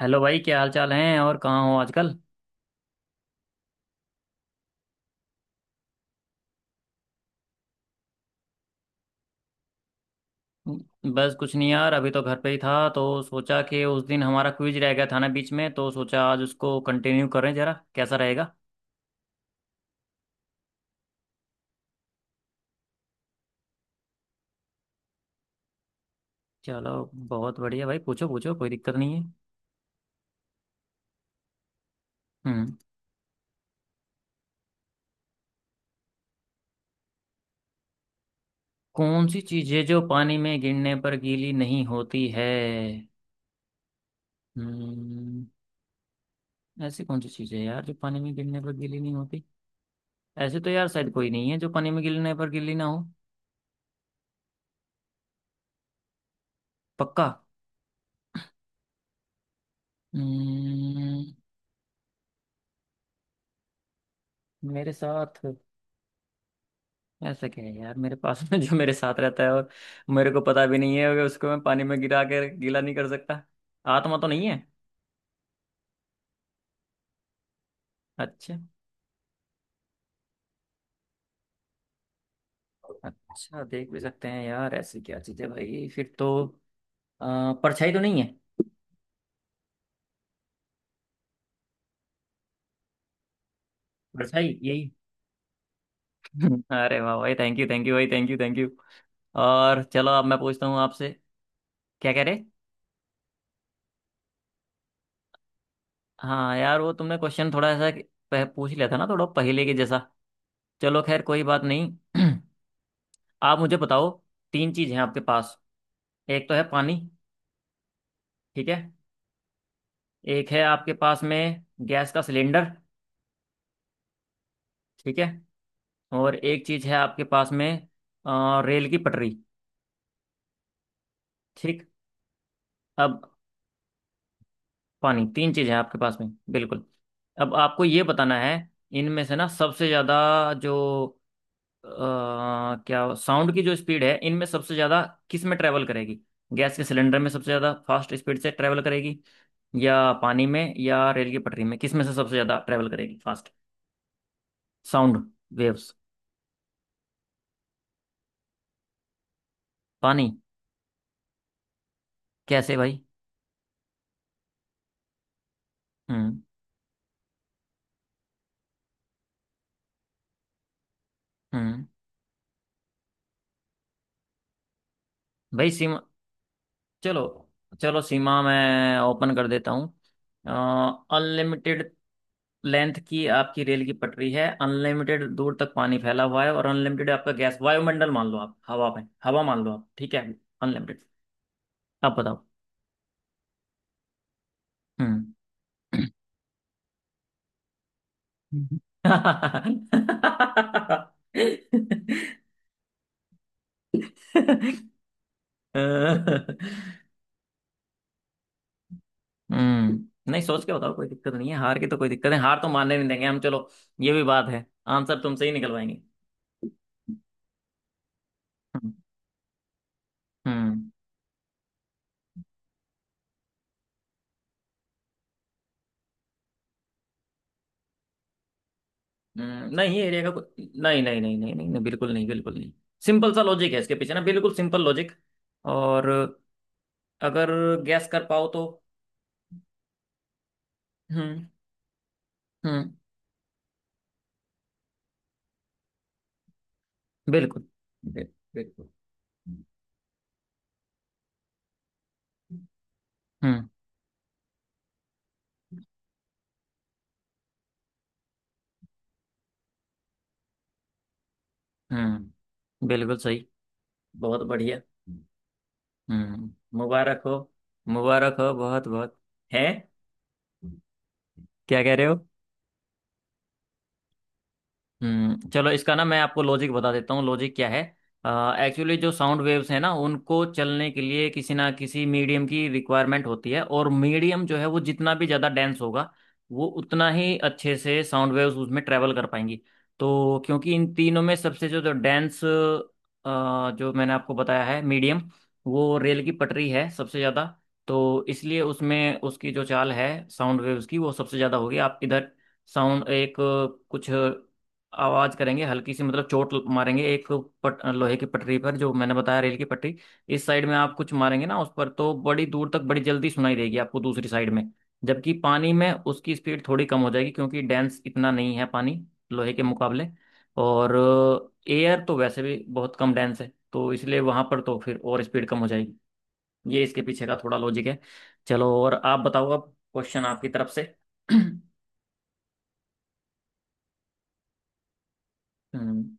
Hello भाई, क्या हाल चाल हैं और कहाँ हो आजकल? बस कुछ नहीं यार, अभी तो घर पे ही था तो सोचा कि उस दिन हमारा क्विज रह गया था ना बीच में, तो सोचा आज उसको कंटिन्यू करें, जरा कैसा रहेगा। चलो बहुत बढ़िया भाई, पूछो पूछो, कोई दिक्कत नहीं है। हम्म। कौन सी चीजें जो पानी में गिरने पर गीली नहीं होती है? हम्म। ऐसी कौन सी चीजें हैं यार जो पानी में गिरने पर गीली नहीं होती? ऐसे तो यार शायद कोई नहीं है जो पानी में गिरने पर गीली ना हो। पक्का? हम्म। मेरे साथ? ऐसा क्या है यार मेरे पास में जो मेरे साथ रहता है, और मेरे को पता भी नहीं है कि उसको मैं पानी में गिरा कर गीला नहीं कर सकता। आत्मा तो नहीं है? अच्छा। अच्छा, देख भी सकते हैं? यार ऐसी क्या चीज है भाई फिर तो। परछाई तो नहीं है? परछाई, यही। अरे वाह भाई, थैंक यू भाई, थैंक यू थैंक यू। और चलो, अब मैं पूछता हूँ आपसे। क्या कह रहे? हाँ यार, वो तुमने क्वेश्चन थोड़ा ऐसा पूछ लिया था ना, थोड़ा पहले के जैसा। चलो खैर, कोई बात नहीं। आप मुझे बताओ। तीन चीज हैं आपके पास। एक तो है पानी। ठीक है। एक है आपके पास में गैस का सिलेंडर। ठीक है। और एक चीज है आपके पास में, रेल की पटरी। ठीक। अब पानी, तीन चीज है आपके पास में बिल्कुल। अब आपको ये बताना है, इनमें से ना सबसे ज्यादा जो अ, क्या साउंड की जो स्पीड है, इनमें सबसे ज्यादा किस में ट्रेवल करेगी? गैस के सिलेंडर में सबसे ज्यादा फास्ट स्पीड से ट्रेवल करेगी, या पानी में, या रेल की पटरी में, किस में से सबसे ज्यादा ट्रेवल करेगी फास्ट साउंड वेव्स? पानी? कैसे भाई? हम्म। हम्म। भाई सीमा। चलो चलो, सीमा मैं ओपन कर देता हूँ। अनलिमिटेड लेंथ की आपकी रेल की पटरी है, अनलिमिटेड दूर तक पानी फैला हुआ है, और अनलिमिटेड आपका गैस वायुमंडल मान लो, आप हवा में, हवा मान लो आप, ठीक है? अनलिमिटेड। आप बताओ। हम्म। हम्म, नहीं, सोच के बताओ, कोई दिक्कत नहीं है, हार की तो कोई दिक्कत है, हार तो मानने नहीं देंगे हम, चलो। ये भी बात है, आंसर तुमसे ही निकलवाएंगे। हम्म। हम्म। नहीं ये एरिया का कोई नहीं, नहीं नहीं नहीं नहीं नहीं, बिल्कुल नहीं, बिल्कुल नहीं। सिंपल सा लॉजिक है इसके पीछे ना, बिल्कुल सिंपल लॉजिक। और अगर गैस कर पाओ तो। हम्म। हम्म। बिल्कुल। बिल- बिल्कुल। हम्म। हम्म। बिल्कुल सही। बहुत बढ़िया। मुबारक हो। मुबारक हो, बहुत बहुत। है? क्या कह रहे हो? चलो, इसका ना मैं आपको लॉजिक बता देता हूँ, लॉजिक क्या है। एक्चुअली जो साउंड वेव्स हैं ना, उनको चलने के लिए किसी ना किसी मीडियम की रिक्वायरमेंट होती है, और मीडियम जो है वो जितना भी ज़्यादा डेंस होगा, वो उतना ही अच्छे से साउंड वेव्स उसमें ट्रैवल कर पाएंगी। तो क्योंकि इन तीनों में सबसे जो जो डेंस, जो मैंने आपको बताया है मीडियम, वो रेल की पटरी है सबसे ज़्यादा। तो इसलिए उसमें उसकी जो चाल है साउंड वेव्स की, वो सबसे ज़्यादा होगी। आप इधर साउंड एक कुछ आवाज करेंगे हल्की सी, मतलब चोट मारेंगे एक लोहे की पटरी पर, जो मैंने बताया रेल की पटरी। इस साइड में आप कुछ मारेंगे ना उस पर, तो बड़ी दूर तक बड़ी जल्दी सुनाई देगी आपको दूसरी साइड में। जबकि पानी में उसकी स्पीड थोड़ी कम हो जाएगी, क्योंकि डेंस इतना नहीं है पानी लोहे के मुकाबले। और एयर तो वैसे भी बहुत कम डेंस है, तो इसलिए वहां पर तो फिर और स्पीड कम हो जाएगी। ये इसके पीछे का थोड़ा लॉजिक है। चलो, और आप बताओ, अब क्वेश्चन आपकी तरफ से। हम्म।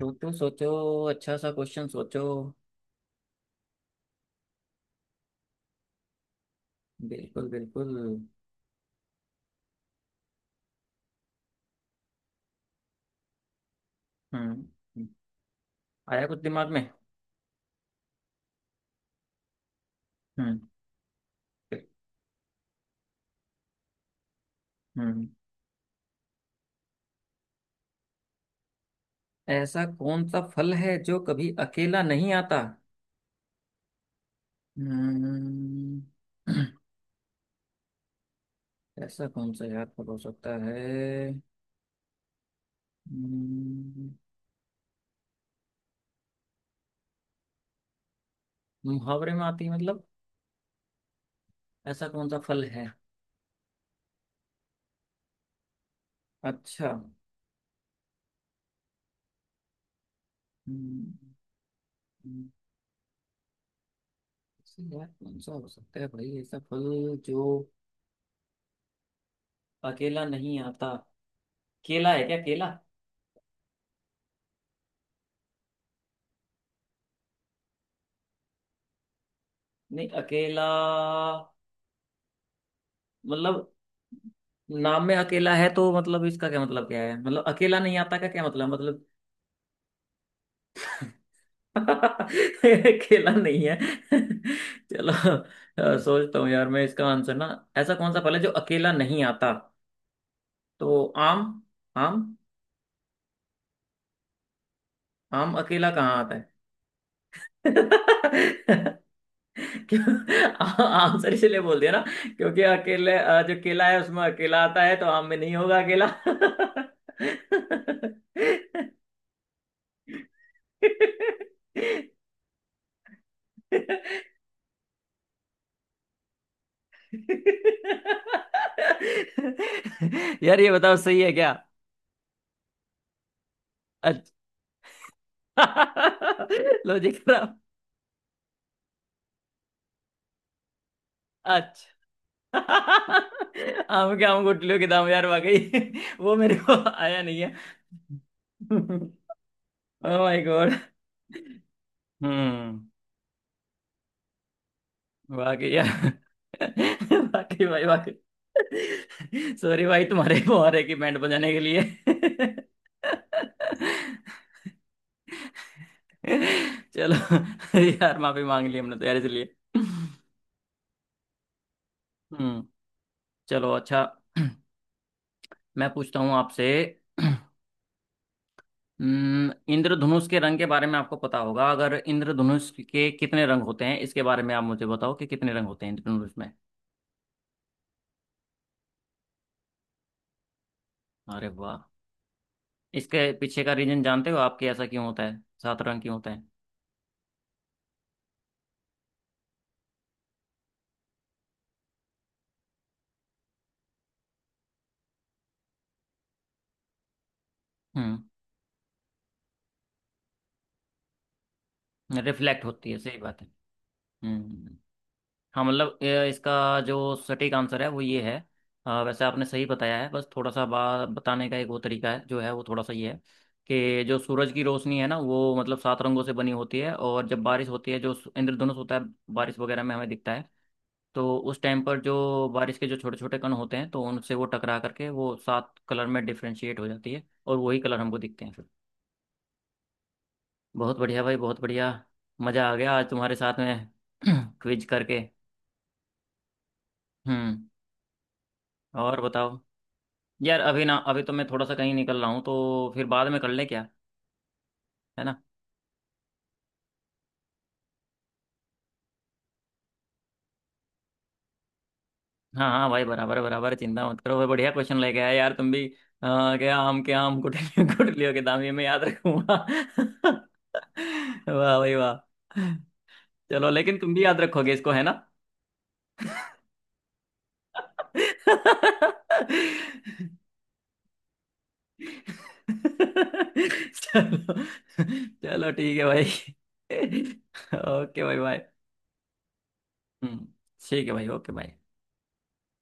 सोचो सोचो, अच्छा सा क्वेश्चन सोचो। बिल्कुल बिल्कुल। हम्म। हम्म। आया कुछ दिमाग में? हम्म। हम्म। ऐसा कौन सा फल है जो कभी अकेला नहीं आता? हम्म। ऐसा कौन सा यार फल हो सकता है? हम्म। मुहावरे में आती है मतलब? ऐसा कौन सा फल है? अच्छा। हम्म। हम्म। ऐसे यार कौन सा हो सकता है भाई, ऐसा फल जो अकेला नहीं आता। केला है क्या, केला? नहीं अकेला, मतलब नाम में अकेला है, तो मतलब इसका क्या मतलब क्या है, मतलब अकेला नहीं आता का क्या मतलब, मतलब। अकेला नहीं है। चलो, सोचता हूँ यार मैं इसका आंसर ना। ऐसा कौन सा फल है जो अकेला नहीं आता? तो आम। आम। आम अकेला कहाँ आता है। क्यों, आंसर इसलिए बोल दिया ना, क्योंकि अकेले जो केला है उसमें अकेला आता है, तो आम में नहीं होगा अकेला। यार ये बताओ, सही है क्या? अच्छा। लॉजिक खराब। अच्छा। आम के आम गुठलियों के दाम, यार वाकई वो मेरे को आया नहीं है। ओह माय गॉड। हम्म। वाकई यार। वाकई भाई, वाकई। सॉरी भाई, तुम्हारे को और है कि बैंड बजाने के लिए? चलो, यार माफी मांग ली हमने तो यार, इसलिए। हम्म। चलो अच्छा। मैं पूछता हूँ आपसे। इंद्रधनुष के रंग के बारे में आपको पता होगा, अगर इंद्रधनुष के कितने रंग होते हैं, इसके बारे में आप मुझे बताओ कि कितने रंग होते हैं इंद्रधनुष में? अरे वाह। इसके पीछे का रीजन जानते हो आपके, ऐसा क्यों होता है, सात रंग क्यों होता है? हम्म। रिफ्लेक्ट होती है, सही बात है। हम्म। हाँ मतलब ये इसका जो सटीक आंसर है वो ये है। वैसे आपने सही बताया है, बस थोड़ा सा बा बताने का एक वो तरीका है जो है, वो थोड़ा सा ये है, कि जो सूरज की रोशनी है ना, वो मतलब सात रंगों से बनी होती है, और जब बारिश होती है, जो इंद्रधनुष होता है बारिश वगैरह में हमें दिखता है, तो उस टाइम पर जो बारिश के जो छोटे छोटे कण होते हैं, तो उनसे वो टकरा करके वो सात कलर में डिफ्रेंशिएट हो जाती है, और वही कलर हमको दिखते हैं फिर। बहुत बढ़िया भाई, बहुत बढ़िया। मज़ा आ गया आज तुम्हारे साथ में क्विज करके। हम्म। और बताओ। यार अभी ना, अभी तो मैं थोड़ा सा कहीं निकल रहा हूँ, तो फिर बाद में कर ले क्या? है ना। हाँ हाँ भाई, बराबर बराबर, चिंता मत करो भाई, बढ़िया क्वेश्चन लेके आया यार तुम भी, क्या आम के आम गुठलियों गुठलियों के दाम, ये मैं याद रखूंगा। वाह भाई वाह। चलो, लेकिन तुम भी याद रखोगे इसको, है ना? चलो चलो, ठीक है भाई, ओके भाई बाय। हम्म। ठीक है भाई, ओके बाय।